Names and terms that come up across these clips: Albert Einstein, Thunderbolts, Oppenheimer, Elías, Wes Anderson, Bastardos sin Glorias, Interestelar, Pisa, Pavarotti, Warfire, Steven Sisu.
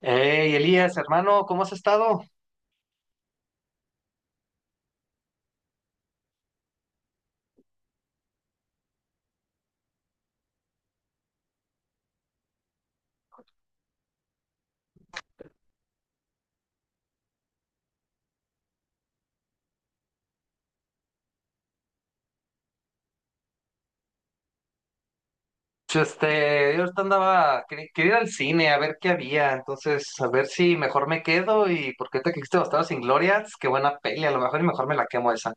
Hey, Elías, hermano, ¿cómo has estado? Pues, yo ahorita andaba, quería ir al cine a ver qué había, entonces a ver si mejor me quedo y porque te quisiste Bastardos sin Glorias, qué buena peli, a lo mejor y mejor me la quemo esa.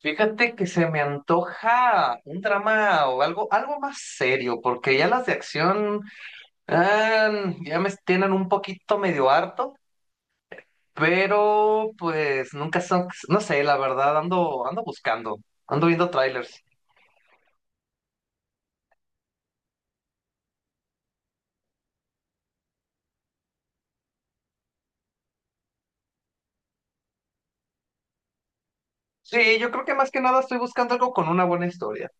Fíjate que se me antoja un drama o algo, algo más serio, porque ya las de acción ah, ya me tienen un poquito medio harto, pero pues nunca son, no sé, la verdad, ando buscando, ando viendo trailers. Sí, yo creo que más que nada estoy buscando algo con una buena historia.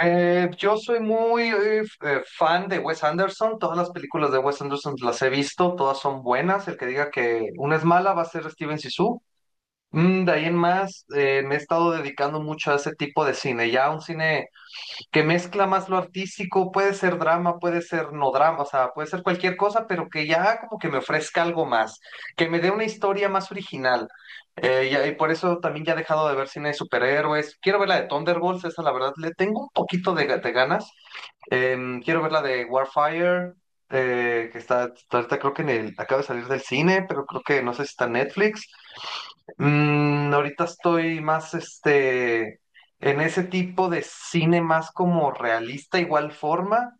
Yo soy muy fan de Wes Anderson, todas las películas de Wes Anderson las he visto, todas son buenas, el que diga que una es mala va a ser Steven Sisu. Mm, de ahí en más, me he estado dedicando mucho a ese tipo de cine, ya un cine que mezcla más lo artístico, puede ser drama, puede ser no drama, o sea, puede ser cualquier cosa, pero que ya como que me ofrezca algo más, que me dé una historia más original. Y por eso también ya he dejado de ver cine de superhéroes. Quiero ver la de Thunderbolts, esa la verdad le tengo un poquito de ganas. Quiero ver la de Warfire, que está ahorita creo que en el, acaba de salir del cine, pero creo que no sé si está en Netflix. Mm, ahorita estoy más en ese tipo de cine más como realista, igual forma,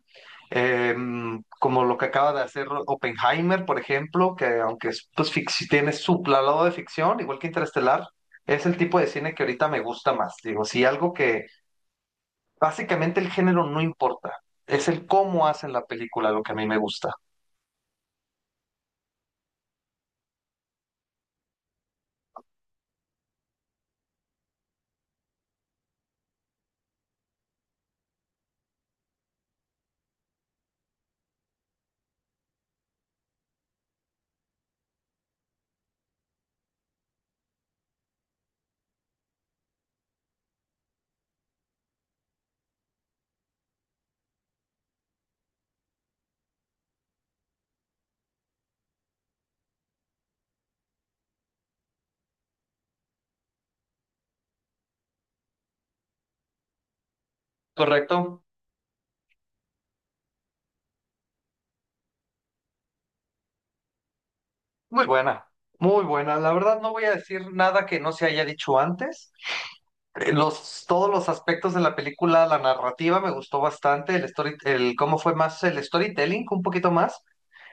como lo que acaba de hacer Oppenheimer, por ejemplo, que aunque es, pues, si tiene su lado de ficción, igual que Interestelar, es el tipo de cine que ahorita me gusta más. Digo, sí, algo que básicamente el género no importa, es el cómo hacen la película lo que a mí me gusta. ¿Correcto? Muy buena, muy buena. La verdad no voy a decir nada que no se haya dicho antes. Todos los aspectos de la película, la narrativa me gustó bastante, el story, el cómo fue más el storytelling, un poquito más,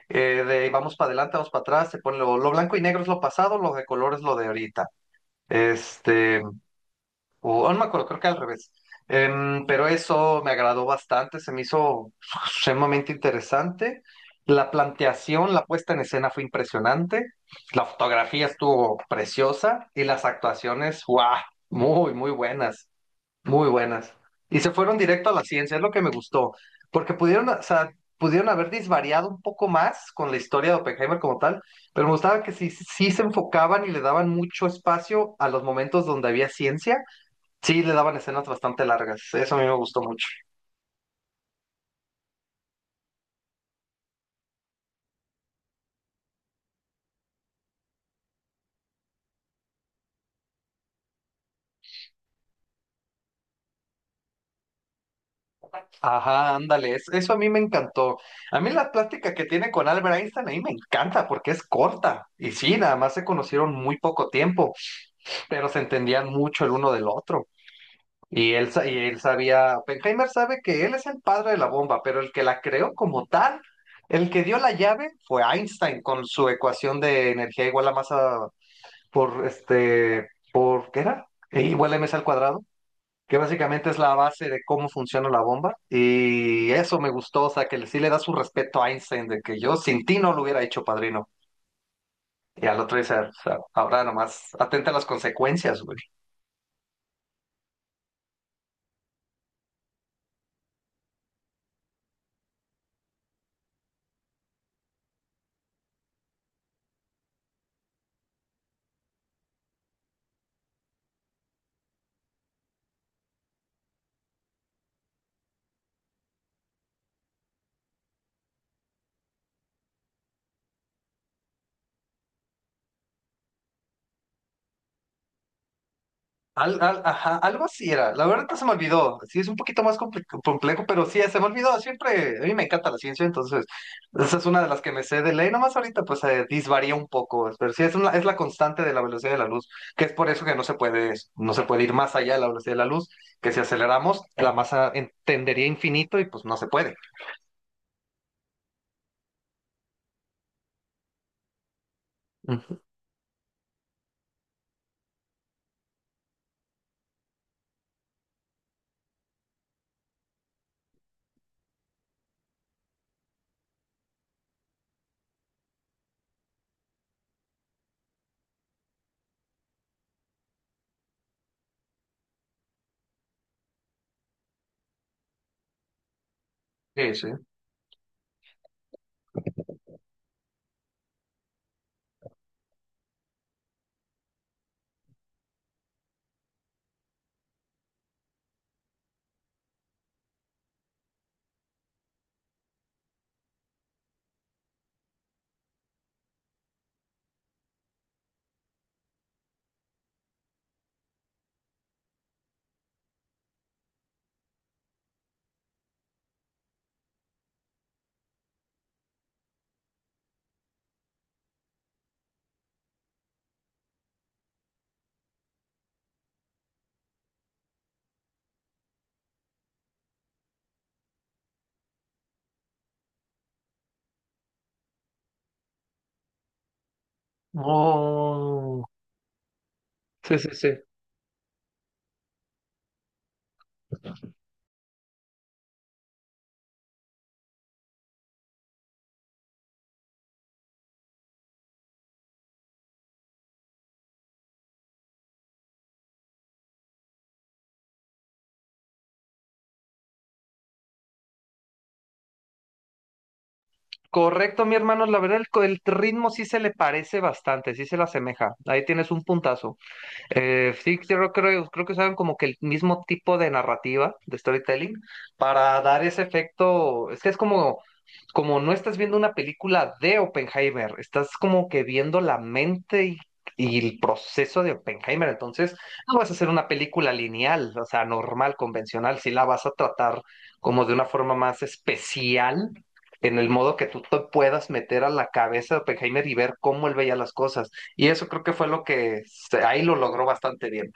de vamos para adelante, vamos para atrás, se pone lo blanco y negro es lo pasado, lo de color es lo de ahorita. Este, o no me acuerdo, creo que al revés. Pero eso me agradó bastante, se me hizo sumamente interesante. La planteación, la puesta en escena fue impresionante, la fotografía estuvo preciosa y las actuaciones, ¡guau! Muy, muy buenas. Muy buenas. Y se fueron directo a la ciencia, es lo que me gustó, porque pudieron, o sea, pudieron haber disvariado un poco más con la historia de Oppenheimer como tal, pero me gustaba que sí, sí se enfocaban y le daban mucho espacio a los momentos donde había ciencia, sí le daban escenas bastante largas, eso a mí me gustó mucho. Ajá, ándale, eso a mí me encantó. A mí la plática que tiene con Albert Einstein ahí me encanta porque es corta, y sí, nada más se conocieron muy poco tiempo, pero se entendían mucho el uno del otro. Y él sabía, Oppenheimer sabe que él es el padre de la bomba, pero el que la creó como tal, el que dio la llave fue Einstein con su ecuación de energía igual a masa ¿qué era? E igual a mc al cuadrado, que básicamente es la base de cómo funciona la bomba. Y eso me gustó, o sea, que sí le da su respeto a Einstein de que yo sin ti no lo hubiera hecho, padrino. Y al otro dice, o sea, ahora nomás atenta a las consecuencias, güey. Ajá, algo así era. La verdad no se me olvidó. Sí, es un poquito más complejo, pero sí, se me olvidó. Siempre, a mí me encanta la ciencia, entonces esa es una de las que me sé de ley. Nomás ahorita pues disvaría un poco, pero sí, es, es la constante de la velocidad de la luz, que es por eso que no se puede, no se puede ir más allá de la velocidad de la luz, que si aceleramos, la masa entendería infinito y pues no se puede. Ujú. Sí, sí. Oh, sí, sí, sí. Correcto, mi hermano, la verdad el ritmo sí se le parece bastante, sí se le asemeja. Ahí tienes un puntazo. Sí, yo creo, creo que usaron como que el mismo tipo de narrativa, de storytelling, para dar ese efecto. Es que es como, como no estás viendo una película de Oppenheimer, estás como que viendo la mente y el proceso de Oppenheimer. Entonces, no vas a hacer una película lineal, o sea, normal, convencional, si la vas a tratar como de una forma más especial. En el modo que tú te puedas meter a la cabeza de Oppenheimer y ver cómo él veía las cosas. Y eso creo que fue lo que ahí lo logró bastante bien.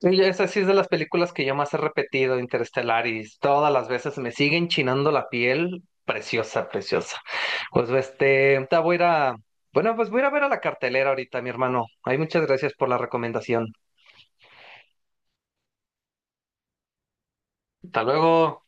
Y esa sí es de las películas que yo más he repetido, Interestelar, y todas las veces me siguen chinando la piel. Preciosa, preciosa. Pues este, ahorita voy a ir a, bueno, pues voy a ir a ver a la cartelera ahorita, mi hermano. Ay, muchas gracias por la recomendación. Hasta luego.